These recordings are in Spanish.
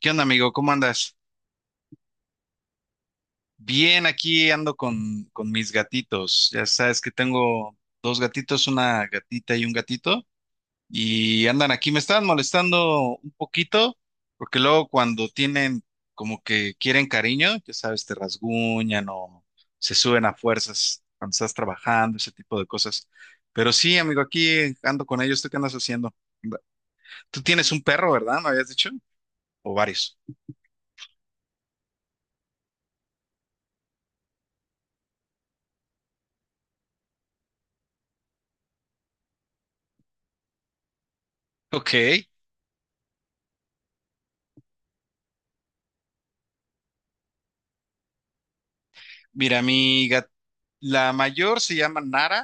¿Qué onda, amigo? ¿Cómo andas? Bien, aquí ando con mis gatitos. Ya sabes que tengo dos gatitos, una gatita y un gatito, y andan aquí, me están molestando un poquito, porque luego cuando tienen como que quieren cariño, ya sabes, te rasguñan o se suben a fuerzas cuando estás trabajando, ese tipo de cosas. Pero sí, amigo, aquí ando con ellos. ¿Tú qué andas haciendo? Tú tienes un perro, ¿verdad? ¿Me habías dicho? ¿O varios? Ok. Mira, la mayor se llama Nara,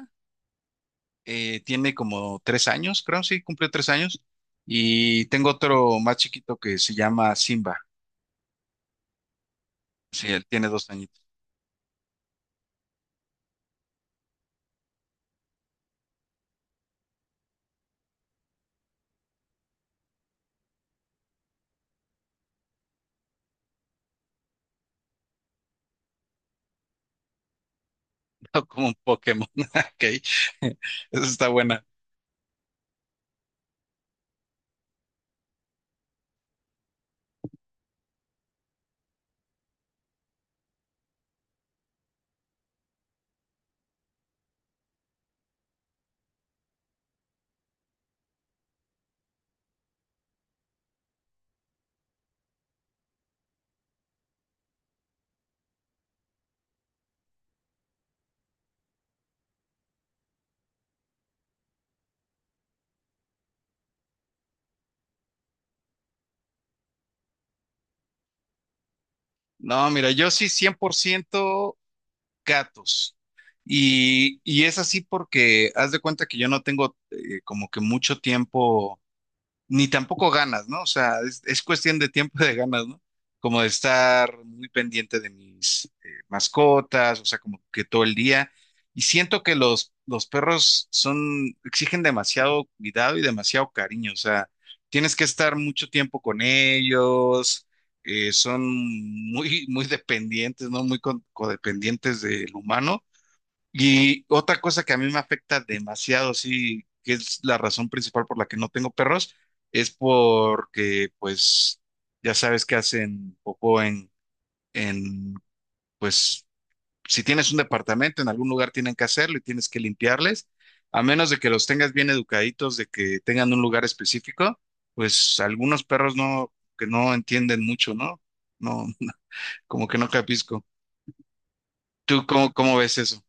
tiene como tres años, creo, sí, cumplió 3 años. Y tengo otro más chiquito que se llama Simba. Sí, él tiene 2 añitos. No, como un Pokémon. Ok, eso está buena. No, mira, yo sí 100% gatos. Y es así porque haz de cuenta que yo no tengo como que mucho tiempo ni tampoco ganas, ¿no? O sea, es cuestión de tiempo y de ganas, ¿no? Como de estar muy pendiente de mis mascotas, o sea, como que todo el día. Y siento que los perros son, exigen demasiado cuidado y demasiado cariño, o sea, tienes que estar mucho tiempo con ellos, son muy, muy dependientes, ¿no? Codependientes del humano. Y otra cosa que a mí me afecta demasiado, sí, que es la razón principal por la que no tengo perros, es porque, pues, ya sabes que hacen popó en, pues, si tienes un departamento, en algún lugar tienen que hacerlo y tienes que limpiarles, a menos de que los tengas bien educaditos, de que tengan un lugar específico, pues algunos perros no, que no entienden mucho, ¿no? No, como que no capisco. ¿Tú cómo ves eso?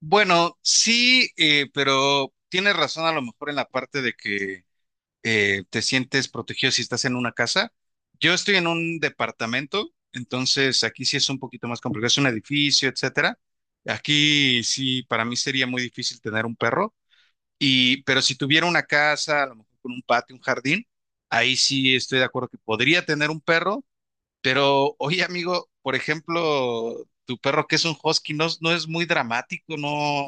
Bueno, sí, pero tienes razón a lo mejor en la parte de que te sientes protegido si estás en una casa. Yo estoy en un departamento, entonces aquí sí es un poquito más complicado, es un edificio, etcétera. Aquí sí, para mí sería muy difícil tener un perro, y, pero si tuviera una casa, a lo mejor con un patio, un jardín, ahí sí estoy de acuerdo que podría tener un perro, pero, oye, amigo, por ejemplo, tu perro que es un husky no, no es muy dramático, no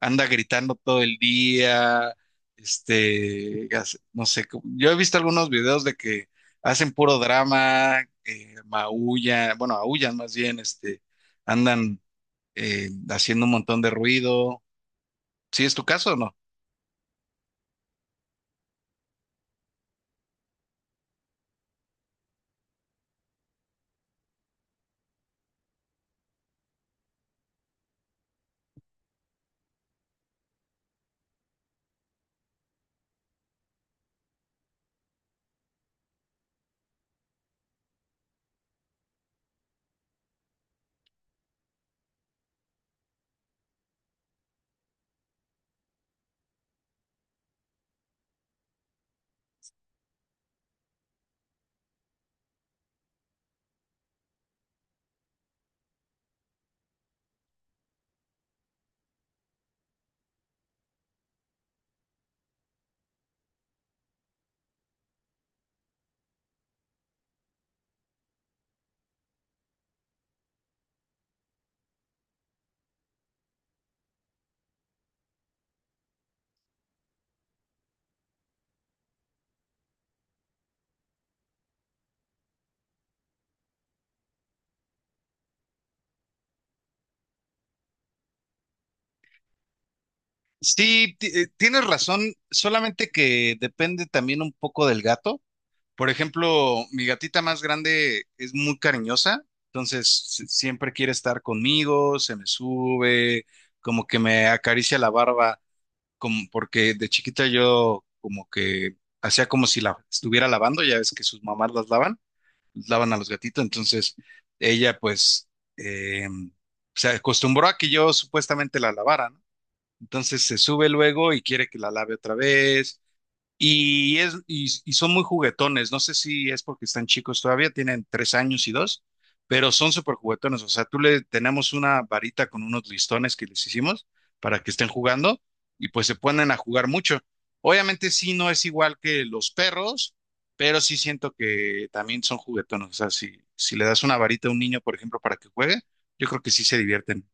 anda gritando todo el día, este, no sé, yo he visto algunos videos de que hacen puro drama, maullan, bueno, aullan más bien, este, andan haciendo un montón de ruido. ¿Sí es tu caso o no? Sí, tienes razón, solamente que depende también un poco del gato. Por ejemplo, mi gatita más grande es muy cariñosa, entonces siempre quiere estar conmigo, se me sube, como que me acaricia la barba, como porque de chiquita yo como que hacía como si la estuviera lavando, ya ves que sus mamás las lavan, lavan a los gatitos, entonces ella pues eh, se acostumbró a que yo supuestamente la lavara, ¿no? Entonces se sube luego y quiere que la lave otra vez y son muy juguetones, no sé si es porque están chicos todavía, tienen 3 años y 2, pero son súper juguetones, o sea, tú le tenemos una varita con unos listones que les hicimos para que estén jugando y pues se ponen a jugar mucho. Obviamente sí, no es igual que los perros, pero sí siento que también son juguetones, o sea, si le das una varita a un niño, por ejemplo, para que juegue, yo creo que sí se divierten.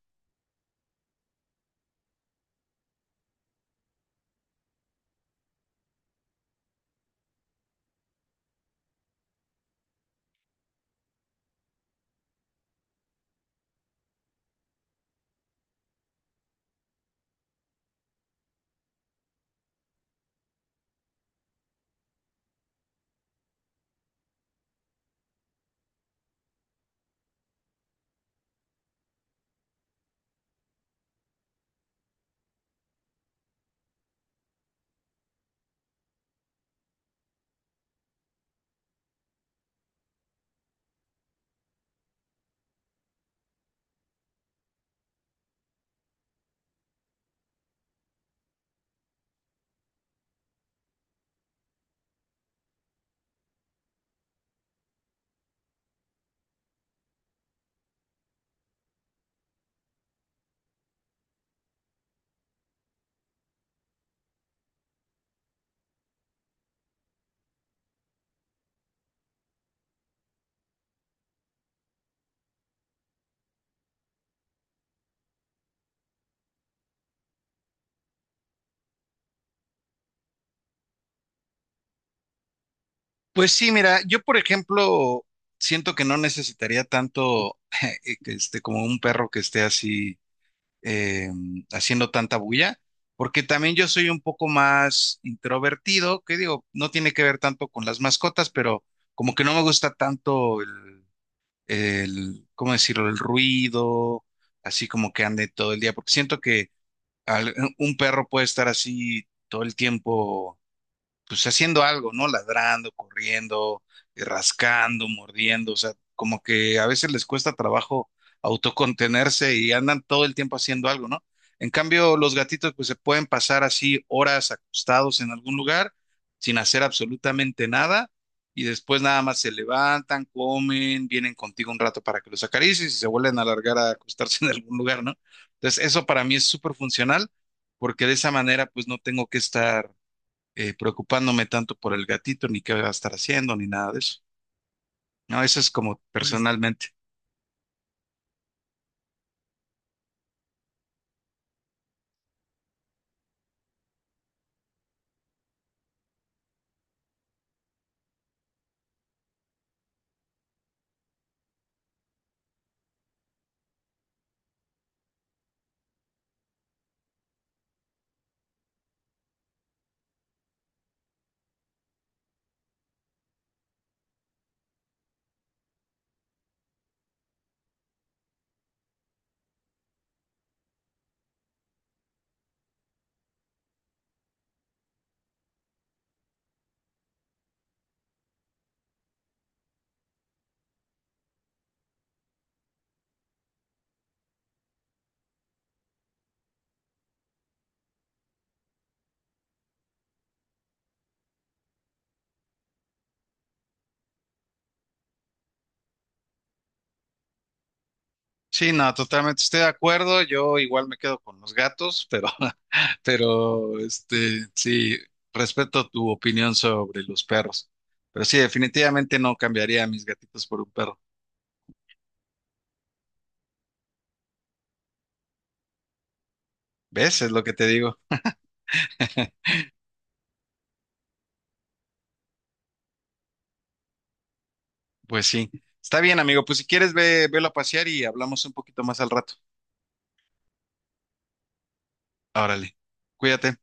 Pues sí, mira, yo por ejemplo siento que no necesitaría tanto que esté como un perro que esté así eh, haciendo tanta bulla, porque también yo soy un poco más introvertido, que digo, no tiene que ver tanto con las mascotas, pero como que no me gusta tanto ¿cómo decirlo? El ruido, así como que ande todo el día, porque siento que un perro puede estar así todo el tiempo pues haciendo algo, ¿no? Ladrando, corriendo, rascando, mordiendo, o sea, como que a veces les cuesta trabajo autocontenerse y andan todo el tiempo haciendo algo, ¿no? En cambio, los gatitos pues se pueden pasar así horas acostados en algún lugar sin hacer absolutamente nada y después nada más se levantan, comen, vienen contigo un rato para que los acaricies y se vuelven a alargar a acostarse en algún lugar, ¿no? Entonces, eso para mí es súper funcional porque de esa manera pues no tengo que estar preocupándome tanto por el gatito, ni qué va a estar haciendo, ni nada de eso. No, eso es como, pues, personalmente. Sí, no, totalmente estoy de acuerdo. Yo igual me quedo con los gatos, pero, pero, este, sí, respeto tu opinión sobre los perros. Pero sí, definitivamente no cambiaría a mis gatitos por un perro. ¿Ves? Es lo que te digo. Pues sí. Está bien, amigo. Pues si quieres, velo a pasear y hablamos un poquito más al rato. Órale. Cuídate.